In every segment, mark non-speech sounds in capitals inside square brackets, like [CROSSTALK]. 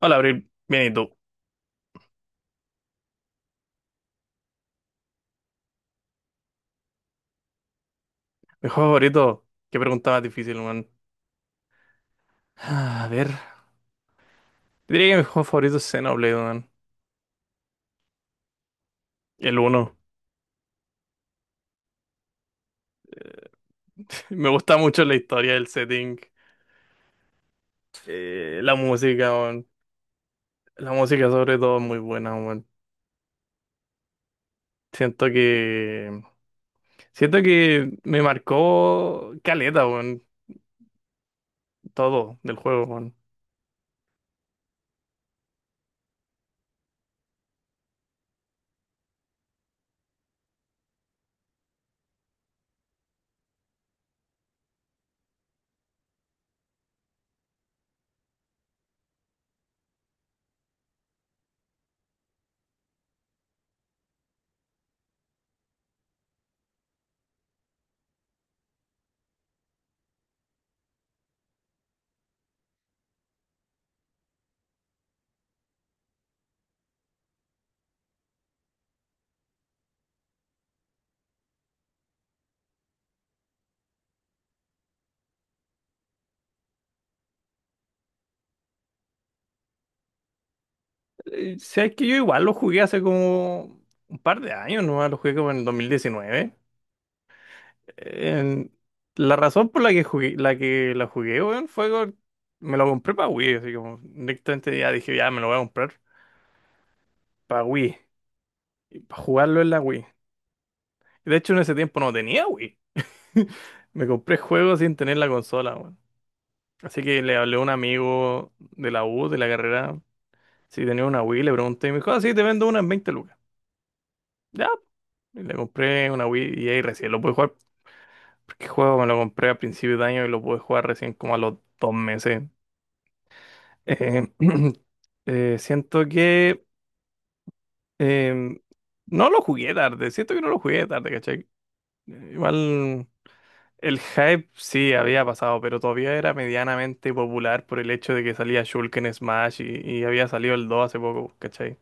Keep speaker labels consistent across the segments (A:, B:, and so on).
A: Hola, Abril. Bien, ¿y tú? Mi juego favorito. Qué pregunta más difícil, man. A ver. Diría que mi juego favorito es Xenoblade, man. El uno. [LAUGHS] Me gusta mucho la historia, el setting, la música, man. La música, sobre todo, es muy buena, man. Siento que. Siento que me marcó caleta, man. Todo del juego, man. Sabes que yo igual lo jugué hace como un par de años, ¿no? Lo jugué como en el 2019. En- la razón por la que jugué, la jugué, weón, me lo compré para Wii, así como directamente ya dije, ya me lo voy a comprar para Wii, para jugarlo en la Wii. De hecho, en ese tiempo no tenía Wii. [LAUGHS] Me compré juegos sin tener la consola, weón. Así que le hablé a un amigo de la U, de la carrera, si tenía una Wii, le pregunté y me dijo, ah, sí, te vendo una en 20 lucas. Ya, y le compré una Wii y ahí recién lo pude jugar. Porque el juego me lo compré a principio de año y lo pude jugar recién como a los dos meses. Eh, [CLEARS THROAT] siento que em, no lo jugué tarde, siento que no lo jugué tarde, ¿cachai? Igual el hype sí había pasado, pero todavía era medianamente popular por el hecho de que salía Shulk en Smash y había salido el 2 hace poco, ¿cachai?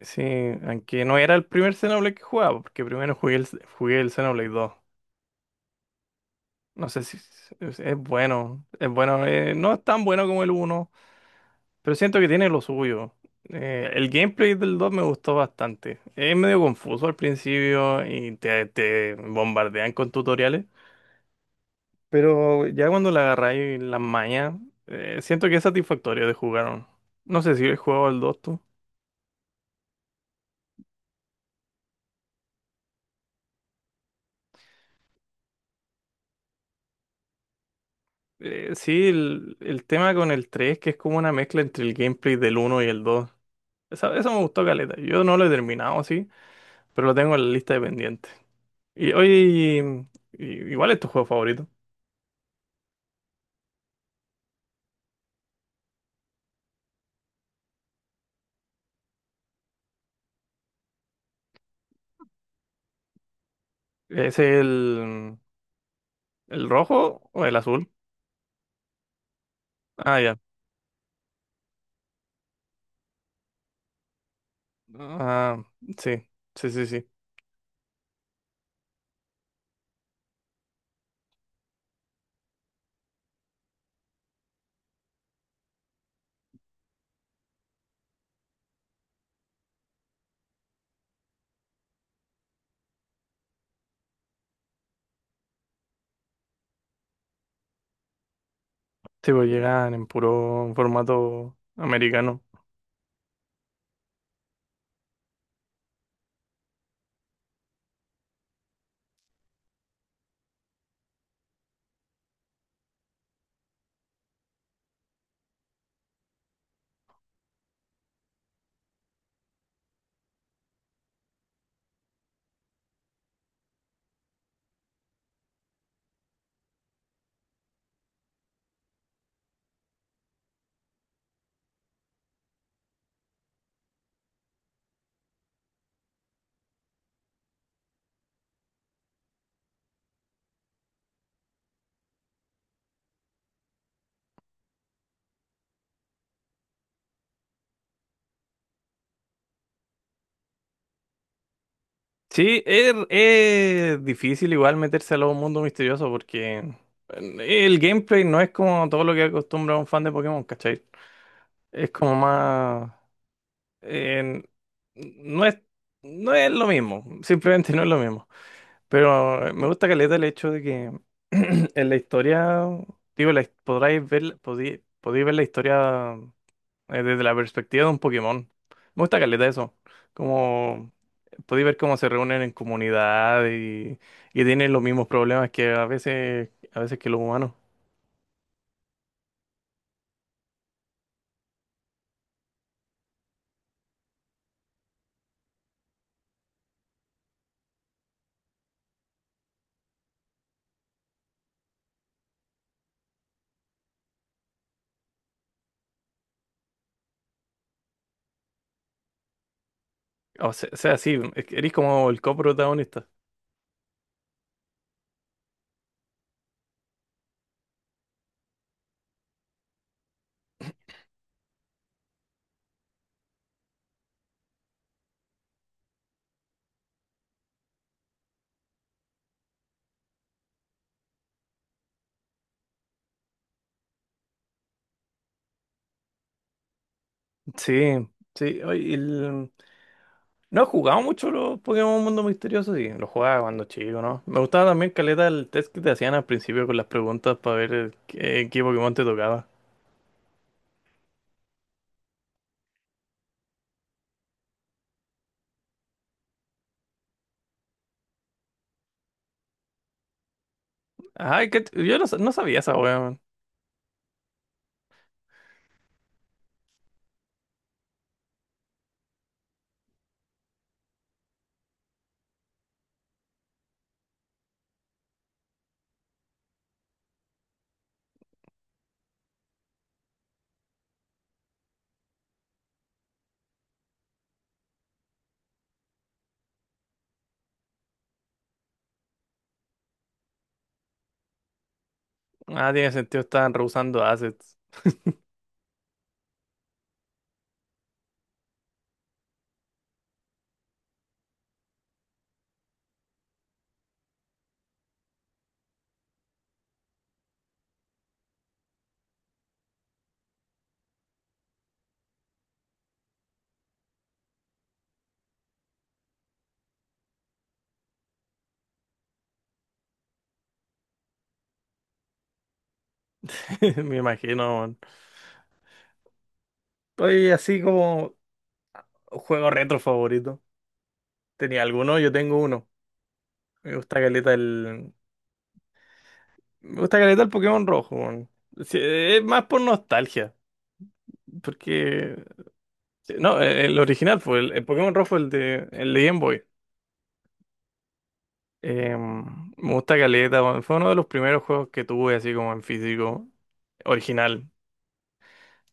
A: Sí, aunque no era el primer Xenoblade que jugaba, porque primero jugué el Xenoblade dos. No sé si es, es bueno, no es tan bueno como el uno. Pero siento que tiene lo suyo. El gameplay del 2 me gustó bastante. Es medio confuso al principio y te bombardean con tutoriales. Pero ya cuando le agarráis las mañas, siento que es satisfactorio de jugar. No sé si he jugado al 2 tú. Sí, el tema con el 3 que es como una mezcla entre el gameplay del uno y el dos. Eso, me gustó caleta. Yo no lo he terminado, sí, pero lo tengo en la lista de pendientes. Y oye, igual es tu juego favorito. Es el. ¿El rojo o el azul? Ah, ya. Ah, sí, sí, sí, sí. Sí, pues llegan en puro formato americano. Sí, es difícil igual meterse a los mundos misteriosos porque el gameplay no es como todo lo que acostumbra un fan de Pokémon, ¿cachai? Es como más... en- no es, no es lo mismo, simplemente no es lo mismo. Pero me gusta caleta el hecho de que [CLEARS THROAT] en la historia, digo, podráis ver, podéis ver la historia desde la perspectiva de un Pokémon. Me gusta caleta eso. Como podéis ver cómo se reúnen en comunidad y tienen los mismos problemas que a veces que los humanos. Sea, sí, es que eres como el coprotagonista. Sí, sí. Oye, no he jugado mucho los Pokémon Mundo Misterioso, sí. Los jugaba cuando chico, ¿no? Me gustaba también caleta el test que te hacían al principio con las preguntas para ver qué, qué Pokémon te tocaba. Ay, que yo no, no sabía esa wea, man. Ah, tiene sentido, estaban rehusando assets. [LAUGHS] Me imagino, man. Oye, así como juego retro favorito. ¿Tenía alguno? Yo tengo uno. Me gusta caleta el. Me gusta caleta el Pokémon rojo, man. Sí, es más por nostalgia. Porque sí, No, el original fue el Pokémon Rojo, el de Game Boy. Me gusta caleta, weón. Fue uno de los primeros juegos que tuve así como en físico, original.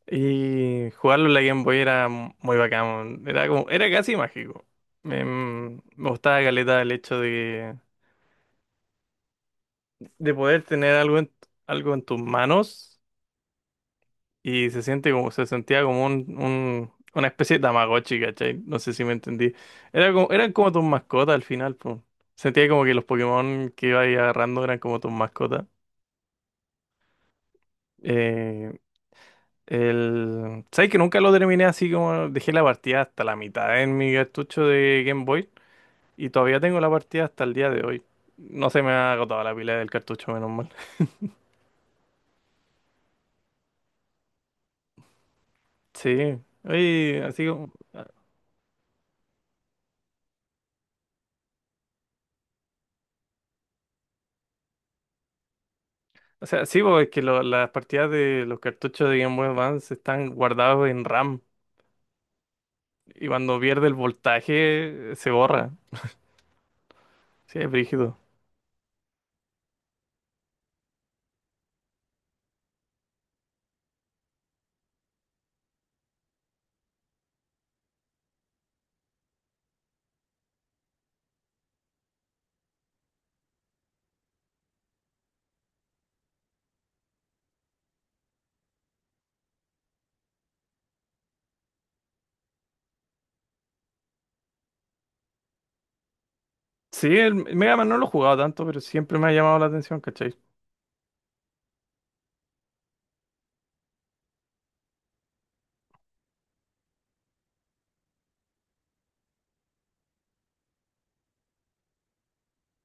A: Y jugarlo en la Game Boy era muy bacán, weón. Era como, era casi mágico. Me gustaba caleta el hecho de poder tener algo en, algo en tus manos y se siente como, se sentía como una especie de Tamagotchi, ¿cachai? No sé si me entendí. Era como, eran como tus mascotas al final, pues. Sentía como que los Pokémon que iba ahí agarrando eran como tus mascotas. Eh, el... ¿Sabes que nunca lo terminé así como dejé la partida hasta la mitad en mi cartucho de Game Boy? Y todavía tengo la partida hasta el día de hoy. No se me ha agotado la pila del cartucho, menos mal. [LAUGHS] Sí. Oye, así como... O sea, sí, porque es que las partidas de los cartuchos de Game Boy Advance están guardados en RAM y cuando pierde el voltaje se borra. Sí, es brígido. Sí, el Mega Man no lo he jugado tanto, pero siempre me ha llamado la atención, ¿cachai?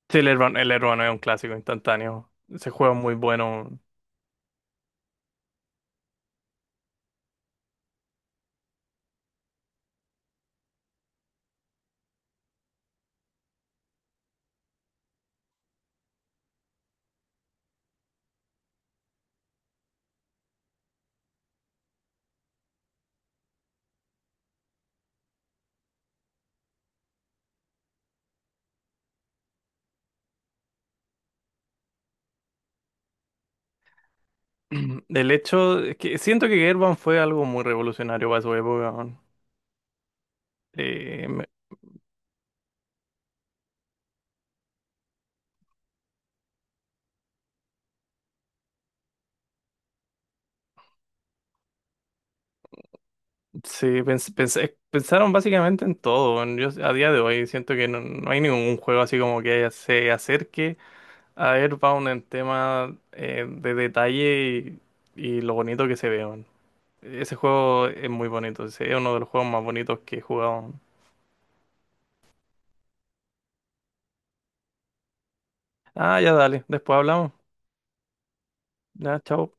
A: Sí, el Hermano es un clásico instantáneo. Ese juego es muy bueno. [CLEARS THROAT] El hecho es que siento que Gerban fue algo muy revolucionario para su época, weón. Eh, me- sí, pensaron básicamente en todo, weón. Yo a día de hoy siento que no, no hay ningún juego así como que se acerque. A ver, Pau, en tema de detalle y lo bonito que se ve, man. Ese juego es muy bonito, es uno de los juegos más bonitos que he jugado. Ah, ya dale, después hablamos. Ya, chao.